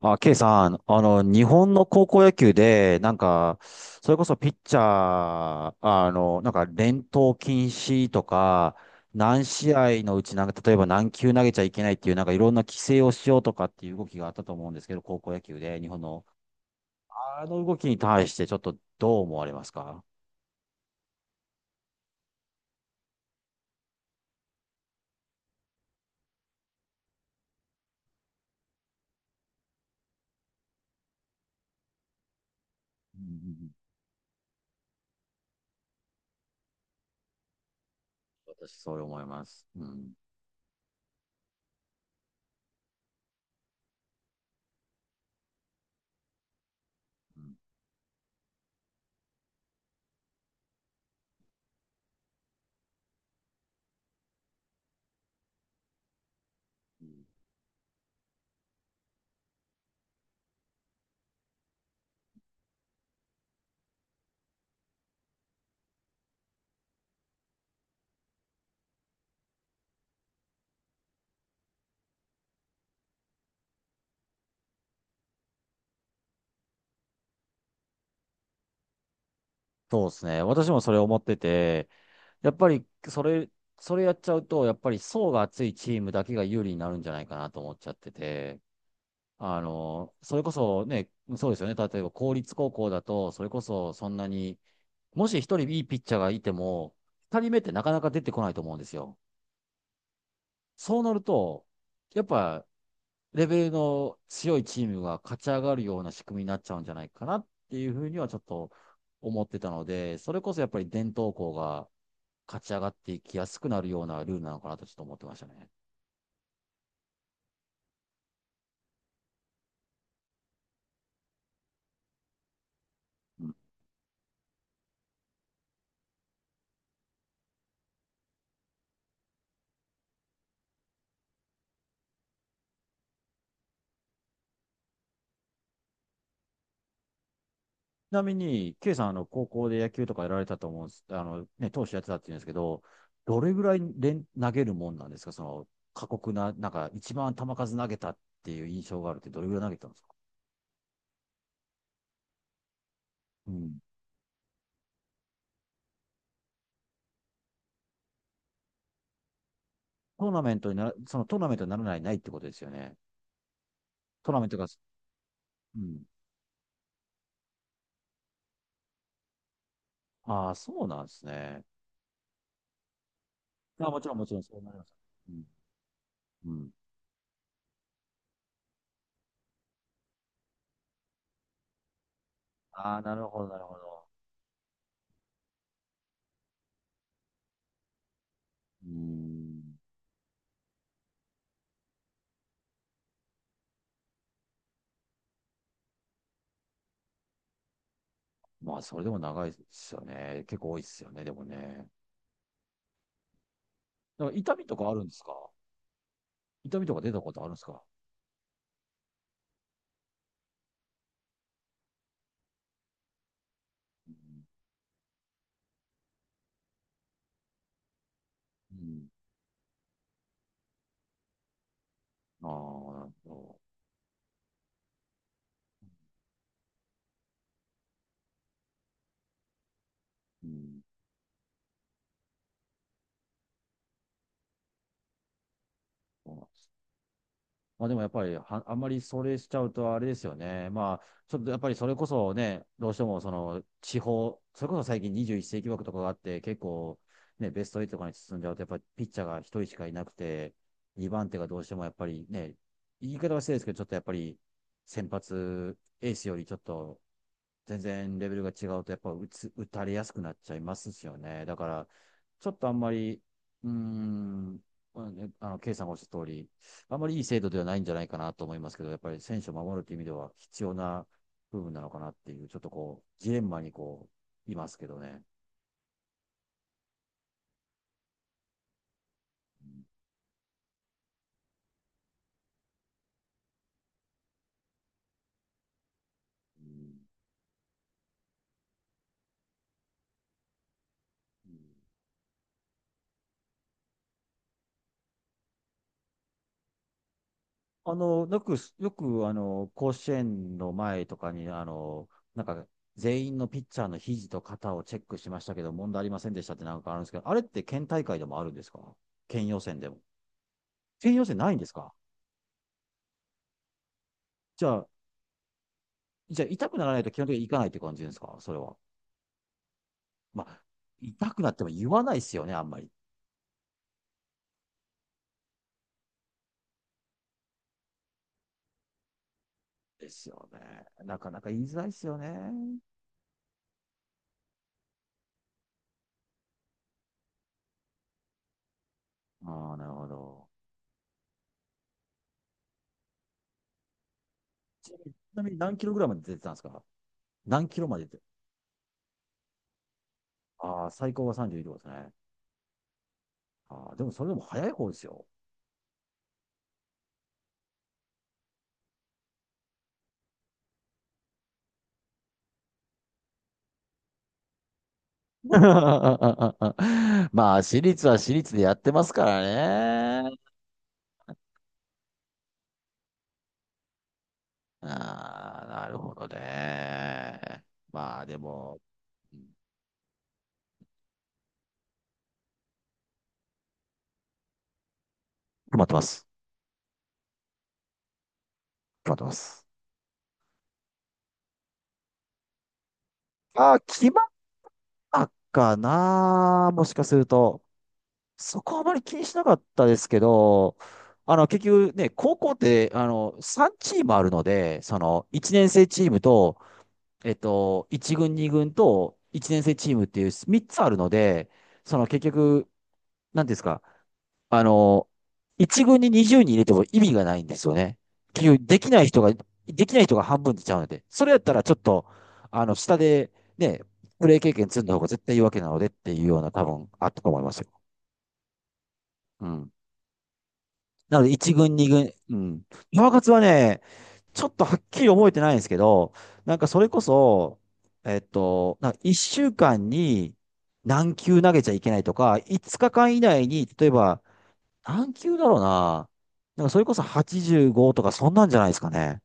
ケイさん、日本の高校野球で、それこそピッチャー、連投禁止とか、何試合のうち、例えば何球投げちゃいけないっていう、いろんな規制をしようとかっていう動きがあったと思うんですけど、高校野球で、日本の、あの動きに対して、ちょっとどう思われますか？うんうん。うん。私、そう思います。うん。うん。そうですね。私もそれ思ってて、やっぱり、それやっちゃうと、やっぱり層が厚いチームだけが有利になるんじゃないかなと思っちゃってて、それこそね、そうですよね。例えば公立高校だと、それこそそんなに、もし一人いいピッチャーがいても、二人目ってなかなか出てこないと思うんですよ。そうなると、やっぱ、レベルの強いチームが勝ち上がるような仕組みになっちゃうんじゃないかなっていうふうにはちょっと思ってたので、それこそやっぱり伝統校が、勝ち上がっていきやすくなるようなルールなのかなとちょっと思ってましたね。うん。ちなみに、K さん、高校で野球とかやられたと思うんです、ね、投手やってたって言うんですけど、どれぐらい連投げるもんなんですか、その、過酷な、一番球数投げたっていう印象があるって、どれぐらい投げたんですか？うん。トーナメントになら、そのトーナメントにならないってことですよね。トーナメントが、うん。ああ、そうなんですね。あ、もちろん、もちろん、そうなります。うん。うん。ああ、なるほど、なるほど。うーん。まあ、それでも長いですよね。結構多いですよね、でもね。だから痛みとかあるんですか？痛みとか出たことあるんですか？うん。うん。ああ、なるほど。うん。そうなん。まあでもやっぱりは、あんまりそれしちゃうとあれですよね。まあ、ちょっとやっぱりそれこそね、どうしてもその地方、それこそ最近21世紀枠とかがあって、結構ね、ベスト8とかに進んじゃうと、やっぱりピッチャーが一人しかいなくて、2番手がどうしてもやっぱりね、言い方は失礼ですけど、ちょっとやっぱり先発エースよりちょっと全然レベルが違うと、やっぱ打つ、打たれやすくなっちゃいますしよね。だから、ちょっとあんまり、うーん、まあね、ケイさんがおっしゃった通り、あまりいい制度ではないんじゃないかなと思いますけど、やっぱり選手を守るという意味では必要な部分なのかなっていう、ちょっとこう、ジレンマにこう、いますけどね。よく、甲子園の前とかに、なんか、全員のピッチャーの肘と肩をチェックしましたけど、問題ありませんでしたってなんかあるんですけど、あれって県大会でもあるんですか、県予選でも。県予選ないんですか？じゃあ、じゃあ痛くならないと基本的に行かないって感じですか、それは。まあ、痛くなっても言わないですよね、あんまり。ですよね。なかなか言いづらいですよね。ああ、なるほど。ちなみに何キロぐらいまで出てたんですか、何キロまで出て。ああ、最高が32キロですね。ああ、でもそれでも早い方ですよ。まあ、私立は私立でやってますからね。ああ、なるほどね。まあ、でも、うん、決まってます。決まってます。ああ、決まったかな。もしかすると。そこはあまり気にしなかったですけど、結局ね、高校って、3チームあるので、その、1年生チームと、えっと、1軍、2軍と、1年生チームっていう3つあるので、その、結局、なんていうんですか、あの、1軍に20人入れても意味がないんですよね。結局、できない人が半分出ちゃうので、それやったらちょっと、下で、ね、プレー経験積んだ方が絶対いいわけなのでっていうような多分あったと思いますよ。うん。なので、1軍、2軍、うん。パワ活はね、ちょっとはっきり覚えてないんですけど、なんかそれこそ、えっと、なんか1週間に何球投げちゃいけないとか、5日間以内に、例えば、何球だろうな。なんかそれこそ85とかそんなんじゃないですかね。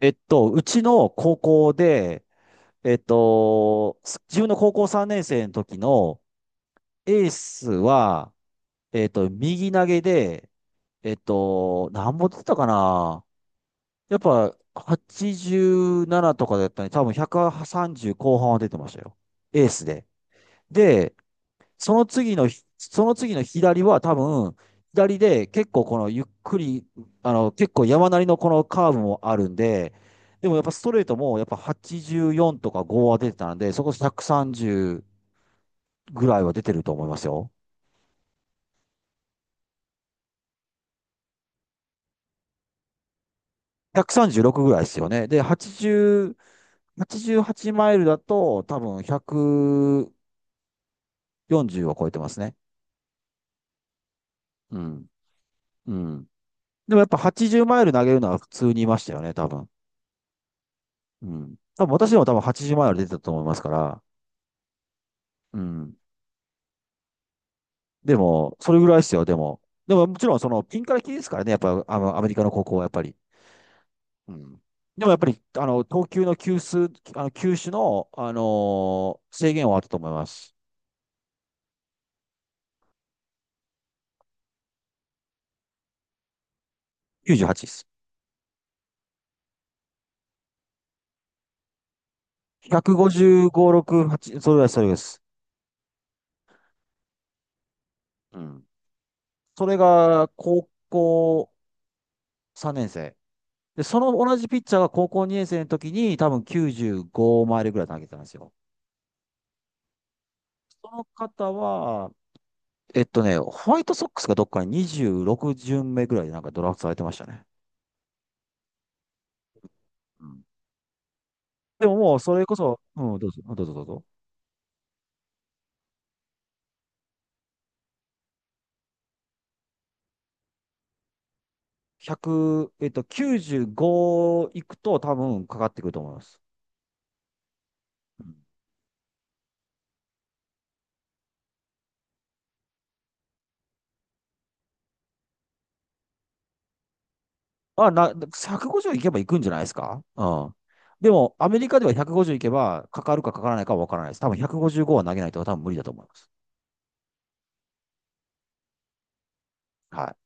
えっと、うちの高校で、えっと、自分の高校3年生の時のエースは、えっと、右投げで、えっと、何本出てたかな、やっぱ87とかだったのに、多分130後半は出てましたよ。エースで。で、その次のひ、その次の左は多分、左で結構このゆっくり、結構山なりのこのカーブもあるんで、でもやっぱストレートもやっぱ84とか5は出てたんで、そこ130ぐらいは出てると思いますよ。136ぐらいですよね。で、80、8マイルだと多分140を超えてますね。うん。うん。でもやっぱ80マイル投げるのは普通にいましたよね、多分。うん。多分私でも多分80マイル出てたと思いますから。うん。でも、それぐらいですよ、でも。でももちろんそのピンからキリですからね、やっぱあのアメリカの高校はやっぱり。うん。でもやっぱり、投球の球数、球種の、制限はあったと思います。98です。155、6、8、それぐらいです、それぐらいです。うん。それが、高校3年生。で、その同じピッチャーが高校2年生の時に多分95マイルぐらい投げてたんですよ。その方は、えっとね、ホワイトソックスがどっかに26巡目ぐらいでなんかドラフトされてましたね。うん。でももうそれこそ、うん、どうぞ、どうぞどうぞ。100、えっと、95いくと多分かかってくると思います。うん。あ、な、150いけばいくんじゃないですか、うん。でも、アメリカでは150いけば、かかるかかからないかは分からないです。多分155は投げないと多分無理だと思います。はい。